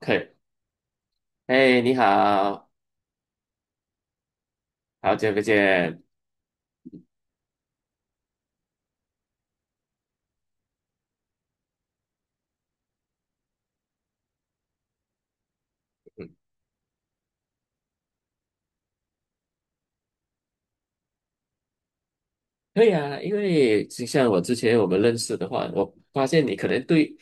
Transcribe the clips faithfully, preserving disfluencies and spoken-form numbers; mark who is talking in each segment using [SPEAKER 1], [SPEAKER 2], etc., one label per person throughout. [SPEAKER 1] 可以。哎，你好，好久不见。嗯，可以啊，因为就像我之前我们认识的话，我发现你可能对，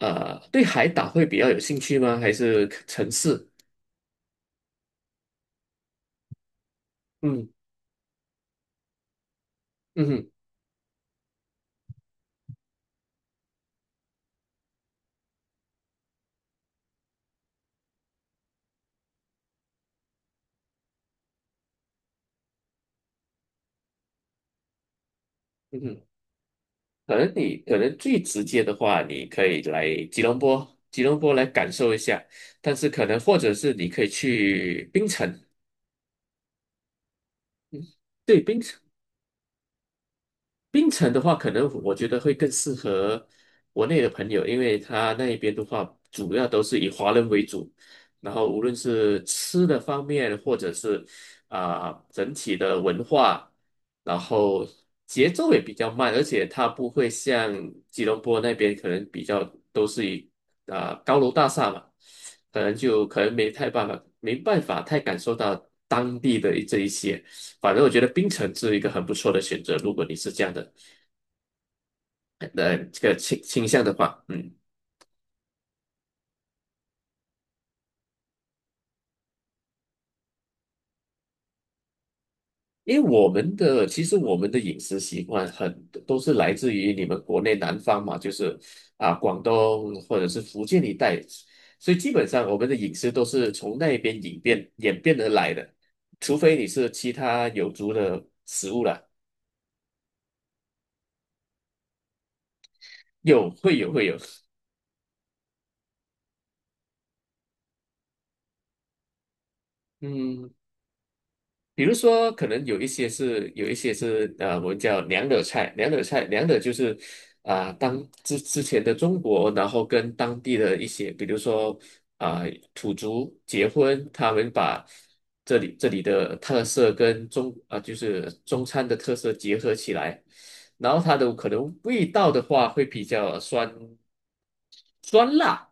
[SPEAKER 1] 呃，对海岛会比较有兴趣吗？还是城市？嗯。嗯。嗯。嗯哼。可能你可能最直接的话，你可以来吉隆坡，吉隆坡来感受一下，但是可能或者是你可以去槟城。对，槟槟城的话，可能我觉得会更适合国内的朋友，因为他那边的话，主要都是以华人为主，然后无论是吃的方面，或者是啊、整体的文化，然后节奏也比较慢，而且它不会像吉隆坡那边可能比较都是以啊、高楼大厦嘛，可能就可能没太办法，没办法太感受到当地的这一些。反正我觉得槟城是一个很不错的选择，如果你是这样的呃这个倾倾向的话。嗯，因为我们的其实我们的饮食习惯很都是来自于你们国内南方嘛，就是啊广东或者是福建一带，所以基本上我们的饮食都是从那边演变演变而来的，除非你是其他有族的食物了。有会有会有，嗯，比如说，可能有一些是有一些是呃，我们叫娘惹菜，娘惹菜，娘惹就是啊、当之之前的中国，然后跟当地的一些，比如说啊、土族结婚，他们把这里这里的特色跟中啊、就是中餐的特色结合起来，然后它的可能味道的话会比较酸。酸辣，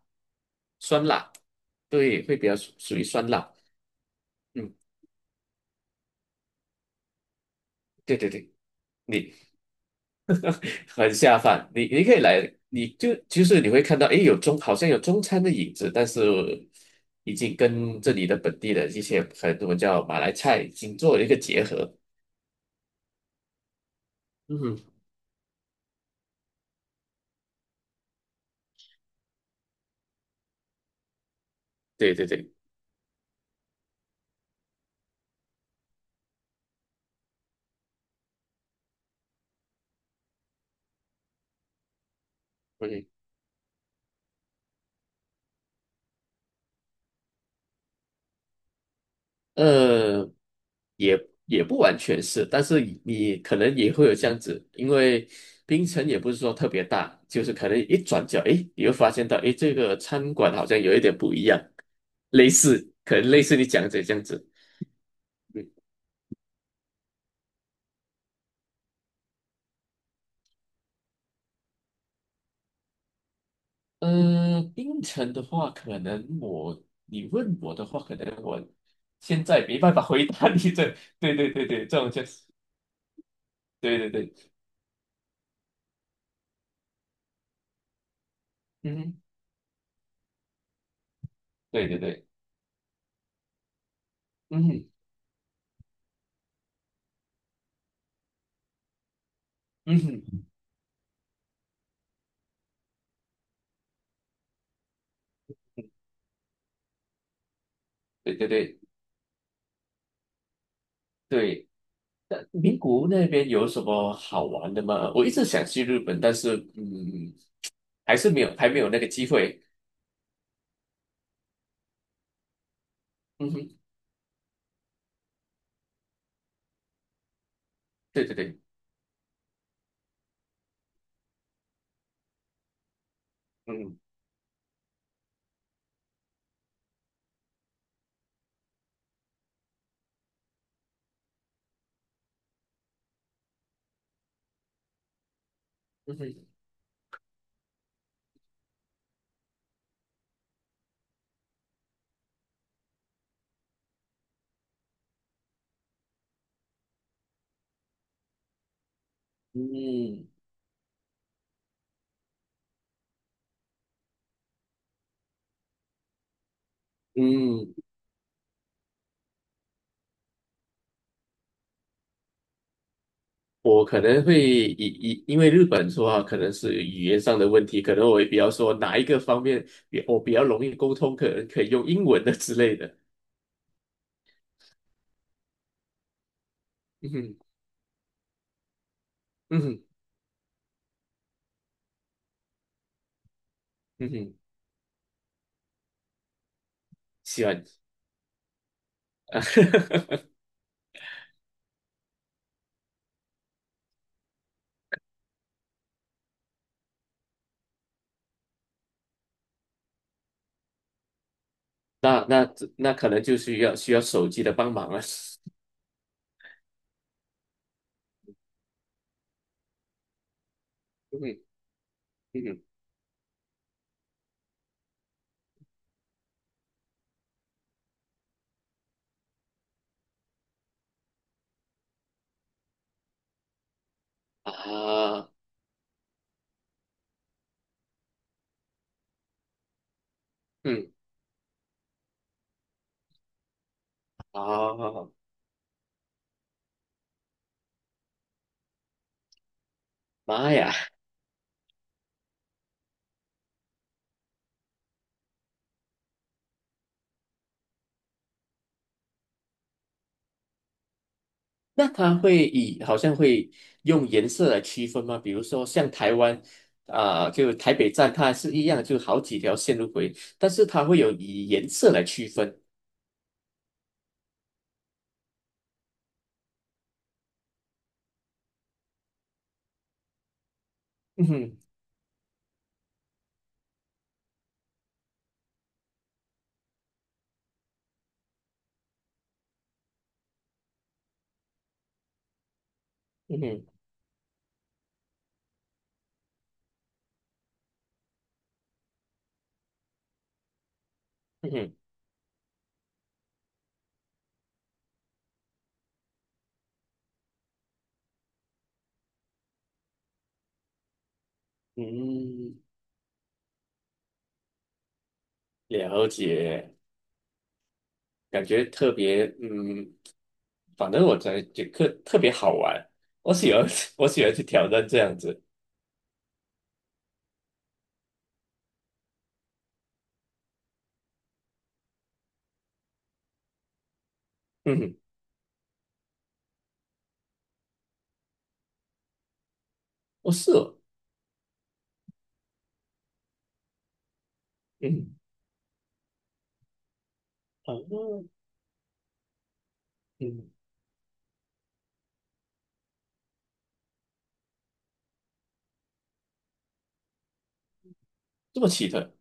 [SPEAKER 1] 酸辣，对，会比较属属于酸辣。嗯，对对对。你很下饭。你你可以来，你就其实你会看到，诶，有中好像有中餐的影子，但是已经跟这里的本地的一些很能我们叫马来菜已经做了一个结合。嗯哼。对对对。OK。呃，也也不完全是，但是你可能也会有这样子，因为槟城也不是说特别大，就是可能一转角，诶，你会发现到，诶，这个餐馆好像有一点不一样，类似，可能类似你讲的这样子。呃，槟城的话，可能我你问我的话，可能我现在没办法回答你这，对对对对，这种就是。对对对。嗯哼。对对对。嗯哼。嗯哼。对对对对。那名古屋那边有什么好玩的吗？我一直想去日本，但是嗯，还是没有，还没有那个机会。嗯哼。对对对。嗯。嗯哼。嗯。嗯。我可能会以以因为日本说话可能是语言上的问题，可能我也比较说哪一个方面比我比较容易沟通，可能可以用英文的之类的。嗯哼。嗯哼。嗯哼。希望啊。那那那可能就需要需要手机的帮忙了。嗯哼。嗯哼。啊。嗯。啊。妈呀！那它会以好像会用颜色来区分吗？比如说像台湾啊、就台北站，它是一样，就好几条线路轨，但是它会有以颜色来区分。嗯哼。嗯哼。嗯哼。嗯。了解。感觉特别。嗯，反正我在觉得特别好玩，我喜欢。我喜欢去挑战这样子。嗯哼。哦，是哦。嗯。啊。嗯。这么奇特。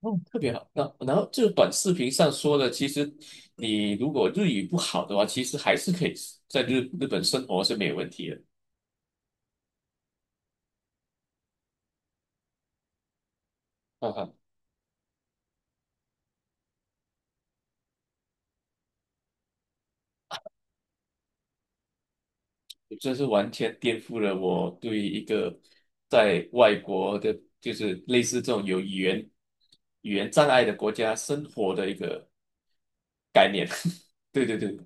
[SPEAKER 1] 哦，特别好。那然后这个短视频上说的，其实你如果日语不好的话，其实还是可以在日日本生活是没有问题的。哈哈。这是完全颠覆了我对一个在外国的，就是类似这种有语言语言障碍的国家生活的一个概念。对对对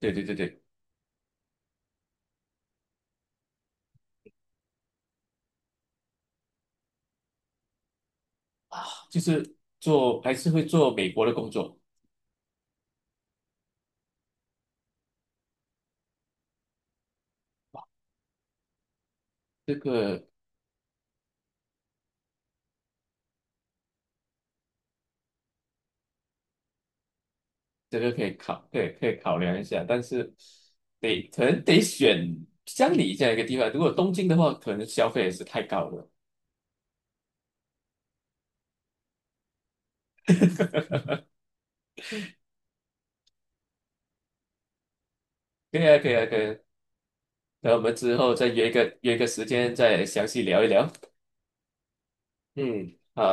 [SPEAKER 1] 对对对对。啊，就是做还是会做美国的工作。这个这个可以考，对，可以考量一下，但是得可能得选乡里这样一个地方。如果东京的话，可能消费也是太高了。可以啊，可以啊，可以啊。那我们之后再约一个约一个时间，再详细聊一聊。嗯。